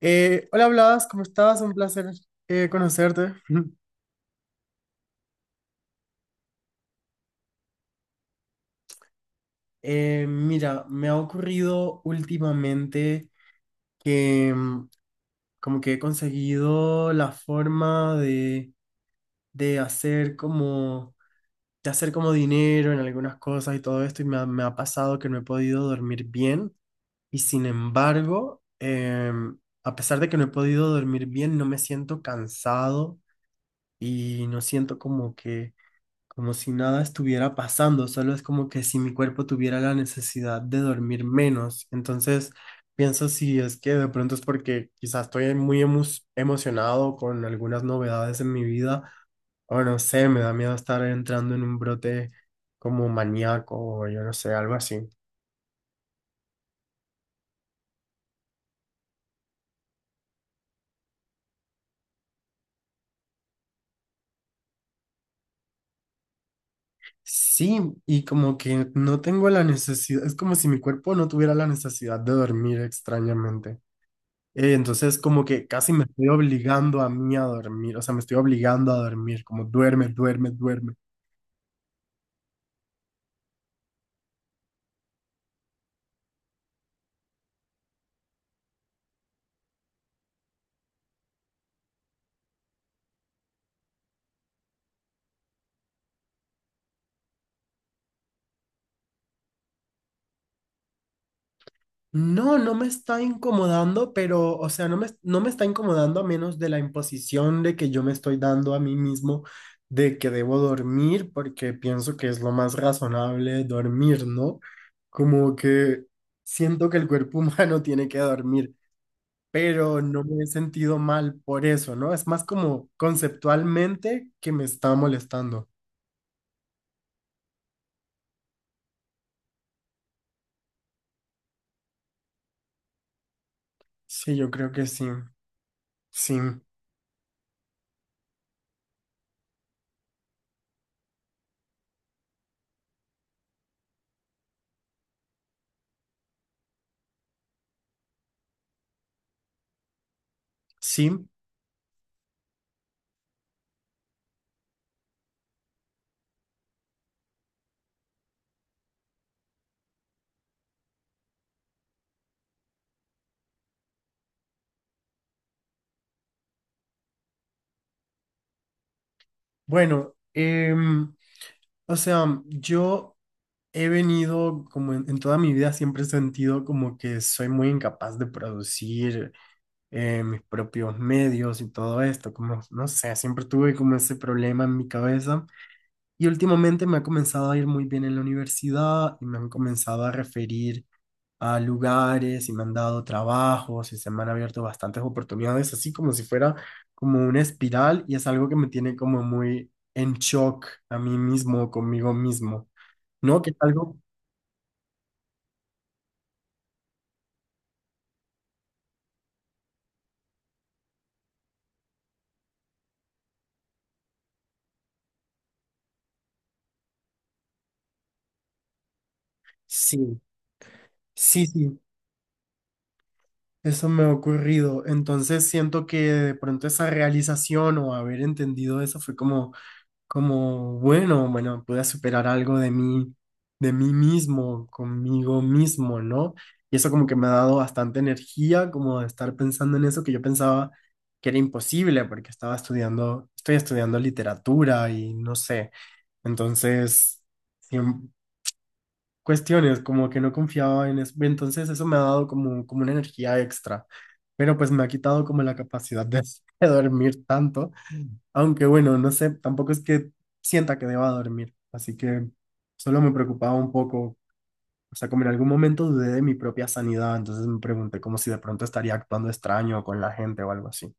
Hola Blas, ¿cómo estás? Un placer conocerte. Mira, me ha ocurrido últimamente que como que he conseguido la forma de hacer como de hacer como dinero en algunas cosas y todo esto y me ha pasado que no he podido dormir bien y sin embargo, a pesar de que no he podido dormir bien, no me siento cansado y no siento como que como si nada estuviera pasando, solo es como que si mi cuerpo tuviera la necesidad de dormir menos. Entonces, pienso si es que de pronto es porque quizás estoy emocionado con algunas novedades en mi vida, o no sé, me da miedo estar entrando en un brote como maníaco o yo no sé, algo así. Sí, y como que no tengo la necesidad, es como si mi cuerpo no tuviera la necesidad de dormir extrañamente. Entonces como que casi me estoy obligando a mí a dormir, o sea, me estoy obligando a dormir, como duerme, duerme, duerme. No, no me está incomodando, pero, o sea, no me está incomodando a menos de la imposición de que yo me estoy dando a mí mismo de que debo dormir, porque pienso que es lo más razonable dormir, ¿no? Como que siento que el cuerpo humano tiene que dormir, pero no me he sentido mal por eso, ¿no? Es más como conceptualmente que me está molestando. Sí, yo creo que sí, sí, sí. Bueno, o sea, yo he venido como en toda mi vida siempre he sentido como que soy muy incapaz de producir mis propios medios y todo esto, como, no sé, siempre tuve como ese problema en mi cabeza y últimamente me ha comenzado a ir muy bien en la universidad y me han comenzado a referir a lugares y me han dado trabajos y se me han abierto bastantes oportunidades, así como si fuera como una espiral y es algo que me tiene como muy en shock a mí mismo, conmigo mismo, ¿no? Que es algo, sí, sí, sí, eso me ha ocurrido. Entonces siento que de pronto esa realización o haber entendido eso fue como como, bueno, bueno, pude superar algo de mí mismo, conmigo mismo, ¿no? Y eso como que me ha dado bastante energía, como de estar pensando en eso que yo pensaba que era imposible, porque estaba estudiando, estoy estudiando literatura y no sé. Entonces, siem- cuestiones como que no confiaba en eso. Entonces eso me ha dado como, como una energía extra, pero pues me ha quitado como la capacidad de de dormir tanto. Aunque bueno, no sé, tampoco es que sienta que deba dormir, así que solo me preocupaba un poco, o sea, como en algún momento dudé de mi propia sanidad, entonces me pregunté como si de pronto estaría actuando extraño con la gente o algo así.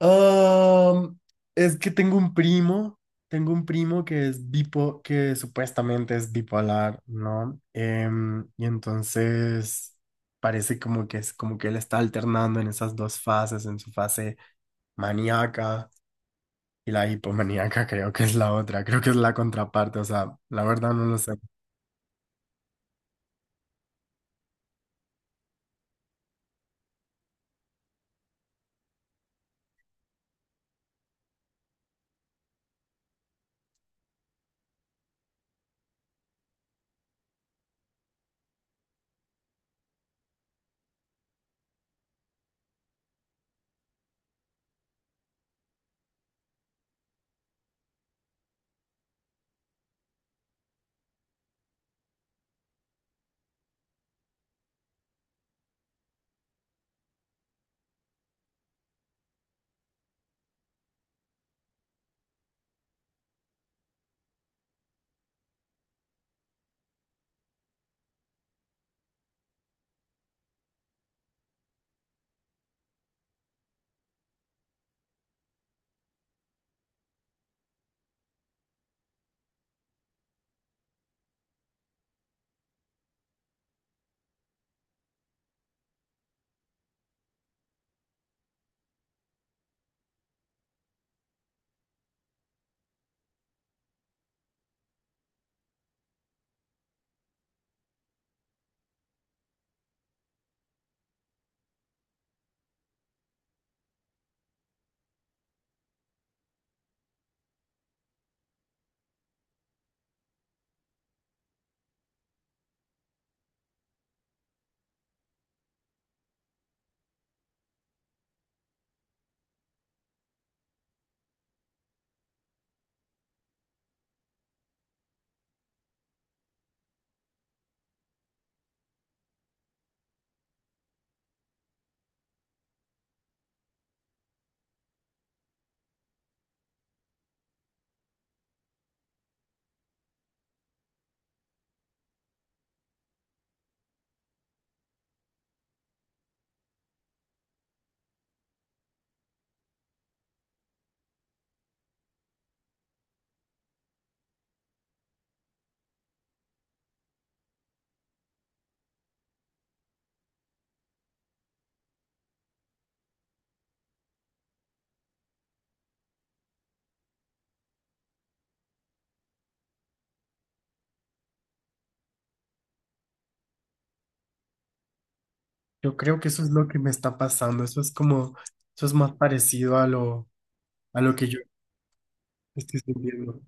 Ah, es que tengo un primo que es que supuestamente es bipolar, ¿no? Y entonces parece como que es como que él está alternando en esas dos fases, en su fase maníaca. Y la hipomaníaca creo que es la otra, creo que es la contraparte, o sea, la verdad no lo sé. Yo creo que eso es lo que me está pasando, eso es como, eso es más parecido a lo que yo estoy sintiendo.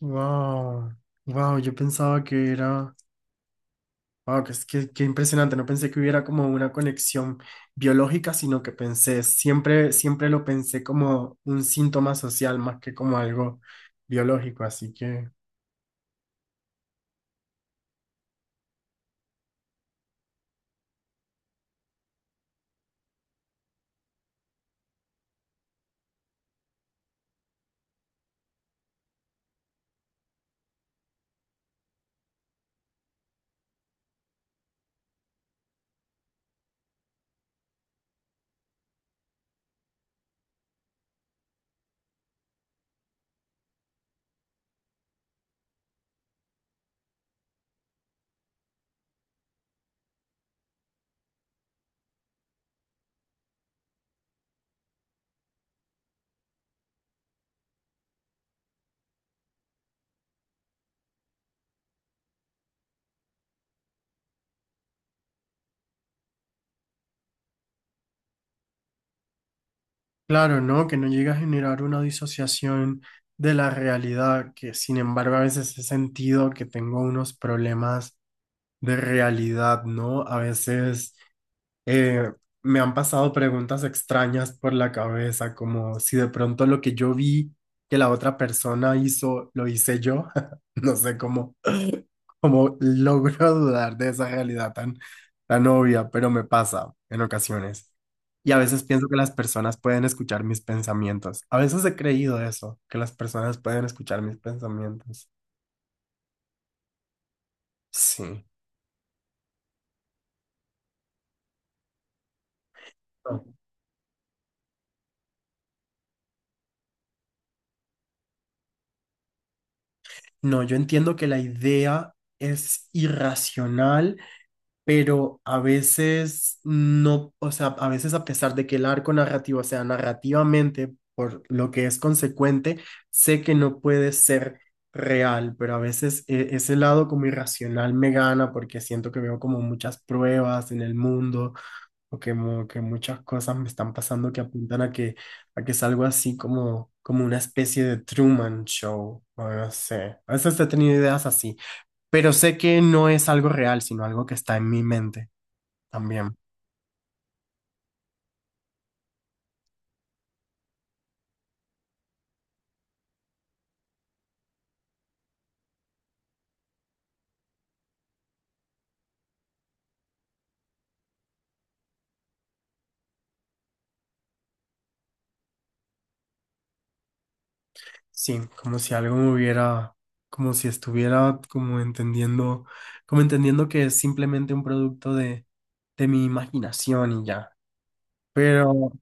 Wow, wow, yo pensaba que era, wow, que impresionante, no pensé que hubiera como una conexión biológica, sino que pensé, siempre, siempre lo pensé como un síntoma social más que como algo biológico, así que... Claro, ¿no? Que no llega a generar una disociación de la realidad, que sin embargo a veces he sentido que tengo unos problemas de realidad, ¿no? A veces eh, me han pasado preguntas extrañas por la cabeza, como si de pronto lo que yo vi que la otra persona hizo, lo hice yo. No sé cómo como logro dudar de esa realidad tan, tan obvia, pero me pasa en ocasiones. Y a veces pienso que las personas pueden escuchar mis pensamientos. A veces he creído eso, que las personas pueden escuchar mis pensamientos. Sí. No, no, yo entiendo que la idea es irracional pero a veces no, o sea, a veces a pesar de que el arco narrativo sea narrativamente, por lo que es consecuente, sé que no puede ser real, pero a veces ese lado como irracional me gana porque siento que veo como muchas pruebas en el mundo que muchas cosas me están pasando que apuntan a que es algo así como, como una especie de Truman Show, o no sé, a veces he tenido ideas así. Pero sé que no es algo real, sino algo que está en mi mente. También, sí, como si algo me hubiera, como si estuviera como entendiendo que es simplemente un producto de mi imaginación y ya. Pero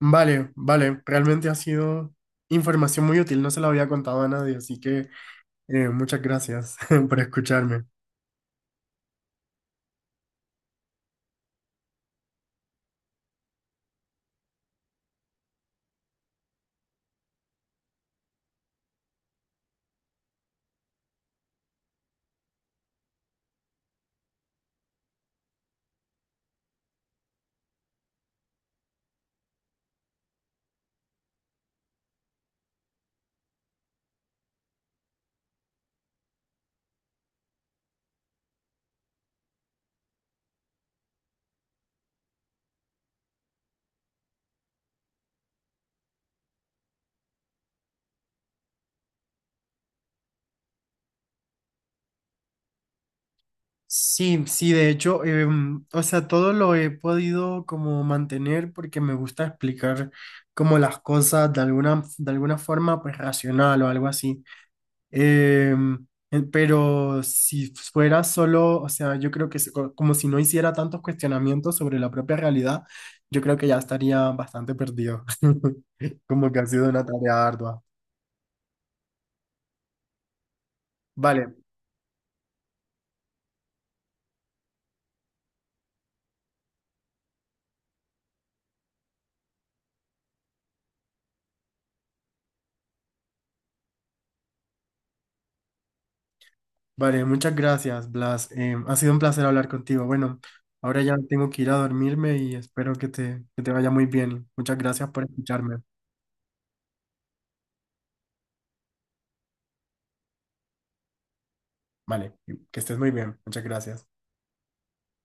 vale, vale, realmente ha sido información muy útil, no se la había contado a nadie, así que muchas gracias por escucharme. Sí, sí, de hecho, o sea, todo lo he podido como mantener porque me gusta explicar como las cosas de alguna forma pues racional o algo así. Pero si fuera solo, o sea, yo creo que como si no hiciera tantos cuestionamientos sobre la propia realidad, yo creo que ya estaría bastante perdido. Como que ha sido una tarea ardua. Vale, vale, muchas gracias, Blas. Ha sido un placer hablar contigo. Bueno, ahora ya tengo que ir a dormirme y espero que que te vaya muy bien. Muchas gracias por escucharme. Vale, que estés muy bien. Muchas gracias.